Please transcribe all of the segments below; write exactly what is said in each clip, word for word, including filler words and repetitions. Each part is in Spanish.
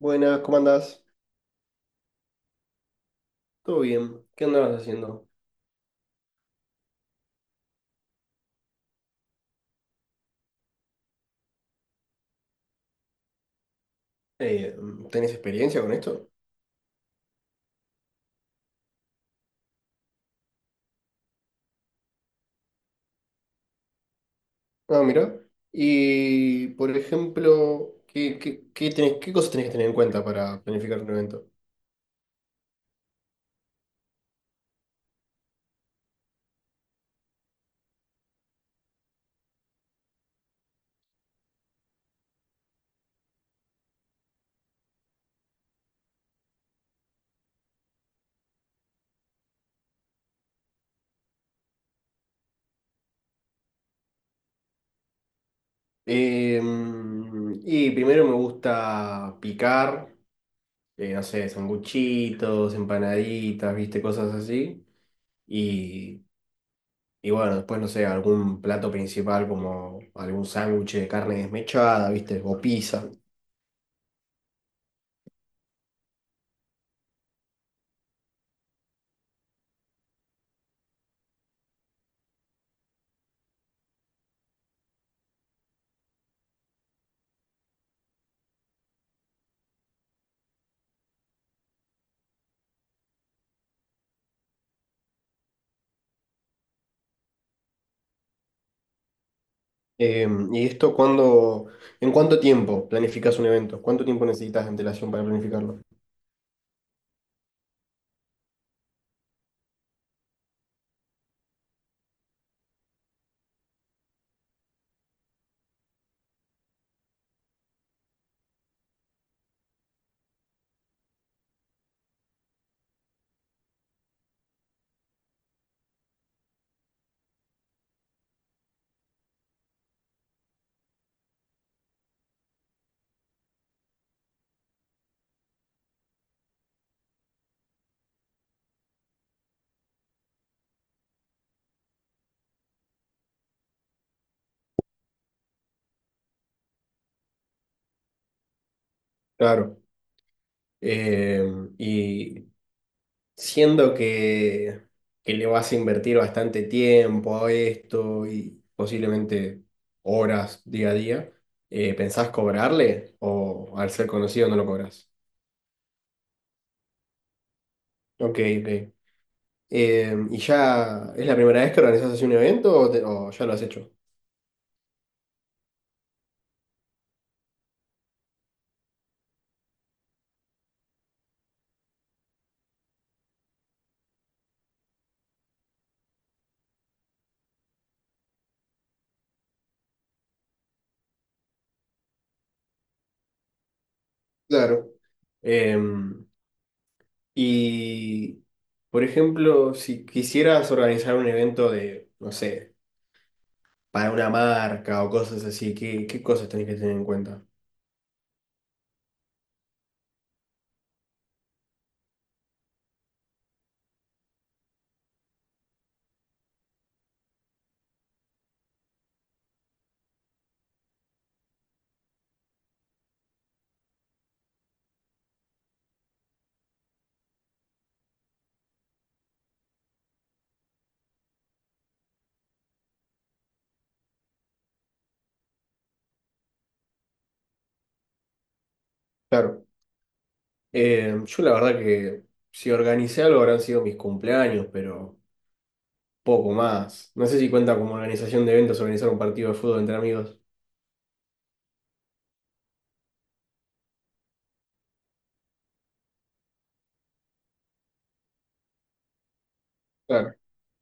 Buenas, ¿cómo andás? ¿Todo bien? ¿Qué andabas haciendo? Eh, ¿tenés experiencia con esto? Ah, mira. Y, por ejemplo, ¿qué, qué, qué tenés- qué cosas tenés que tener en cuenta para planificar un evento? Eh, y primero me gusta picar, eh, no sé, sanguchitos, empanaditas, viste, cosas así. Y, y bueno, después, no sé, algún plato principal como algún sándwich de carne desmechada, viste, o pizza. Eh, ¿y esto cuándo, en cuánto tiempo planificas un evento? ¿Cuánto tiempo necesitas de antelación para planificarlo? Claro. Eh, y siendo que, que le vas a invertir bastante tiempo a esto y posiblemente horas día a día, eh, ¿pensás cobrarle o al ser conocido no lo cobras? Ok, ok. Eh, ¿y ya es la primera vez que organizas así un evento o, te- o ya lo has hecho? Claro. Eh, Y, por ejemplo, si quisieras organizar un evento de, no sé, para una marca o cosas así, ¿qué, qué cosas tenés que tener en cuenta? Claro, eh, yo la verdad que si organicé algo habrán sido mis cumpleaños, pero poco más. No sé si cuenta como organización de eventos organizar un partido de fútbol entre amigos. Claro.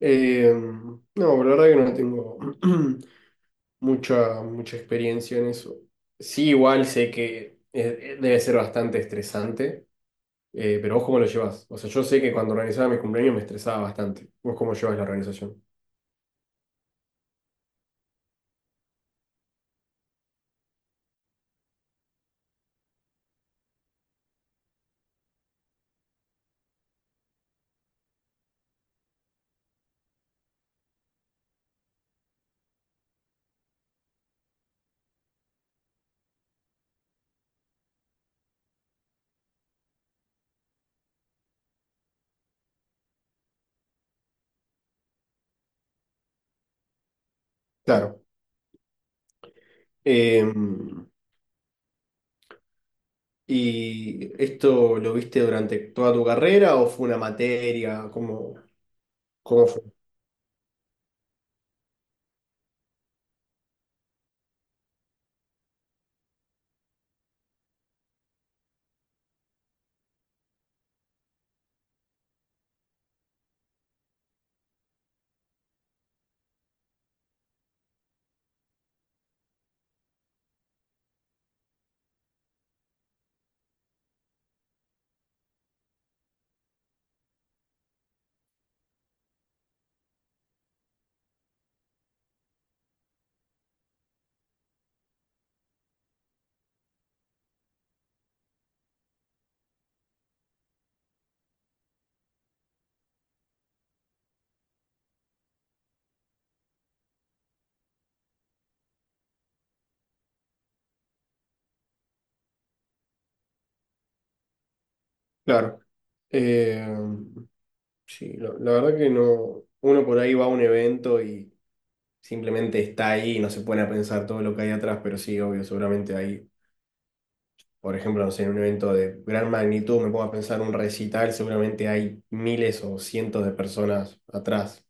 Eh, no, pero la verdad que no tengo mucha, mucha experiencia en eso. Sí, igual sé que eh, eh, debe ser bastante estresante. Eh, pero ¿vos cómo lo llevas? O sea, yo sé que cuando organizaba mis cumpleaños me estresaba bastante. ¿Vos cómo llevas la organización? Claro. Eh, ¿Y esto lo viste durante toda tu carrera o fue una materia? ¿Cómo, cómo fue? Claro. Eh, sí, lo- la verdad que no. Uno por ahí va a un evento y simplemente está ahí y no se pone a pensar todo lo que hay atrás, pero sí, obvio, seguramente hay, por ejemplo, no sé, en un evento de gran magnitud, me pongo a pensar un recital, seguramente hay miles o cientos de personas atrás.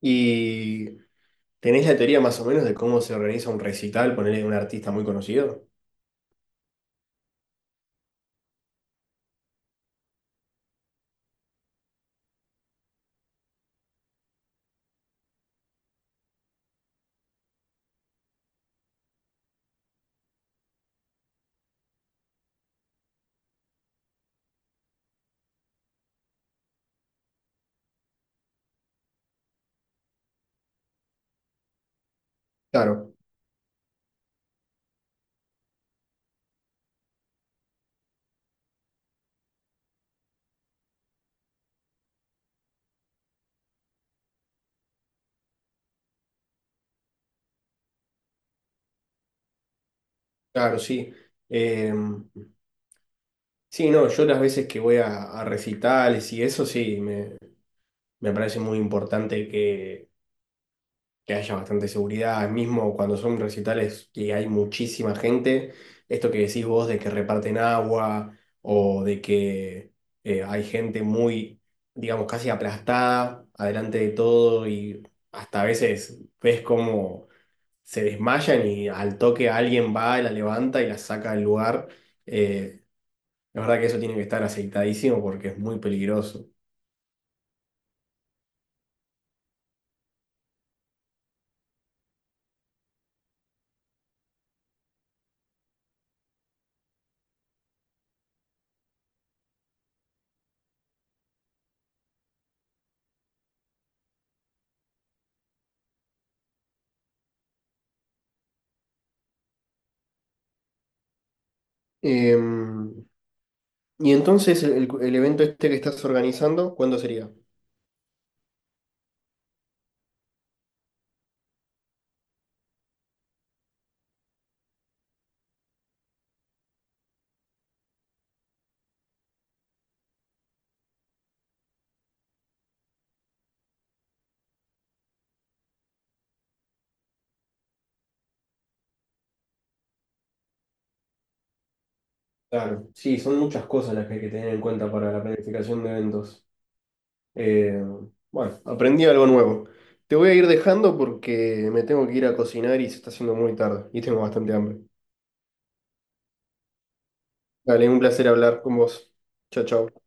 ¿Y tenés la teoría más o menos de cómo se organiza un recital, ponerle un artista muy conocido? Claro, claro, sí. Eh, sí, no, yo las veces que voy a, a recitales y eso, sí, me, me parece muy importante que que haya bastante seguridad, mismo cuando son recitales que hay muchísima gente, esto que decís vos de que reparten agua o de que eh, hay gente muy, digamos, casi aplastada adelante de todo y hasta a veces ves cómo se desmayan y al toque alguien va, la levanta y la saca del lugar. Eh, la verdad que eso tiene que estar aceitadísimo porque es muy peligroso. Em, y entonces el el evento este que estás organizando, ¿cuándo sería? Claro, sí, son muchas cosas las que hay que tener en cuenta para la planificación de eventos. Eh, bueno, aprendí algo nuevo. Te voy a ir dejando porque me tengo que ir a cocinar y se está haciendo muy tarde y tengo bastante hambre. Dale, un placer hablar con vos. Chao, chao.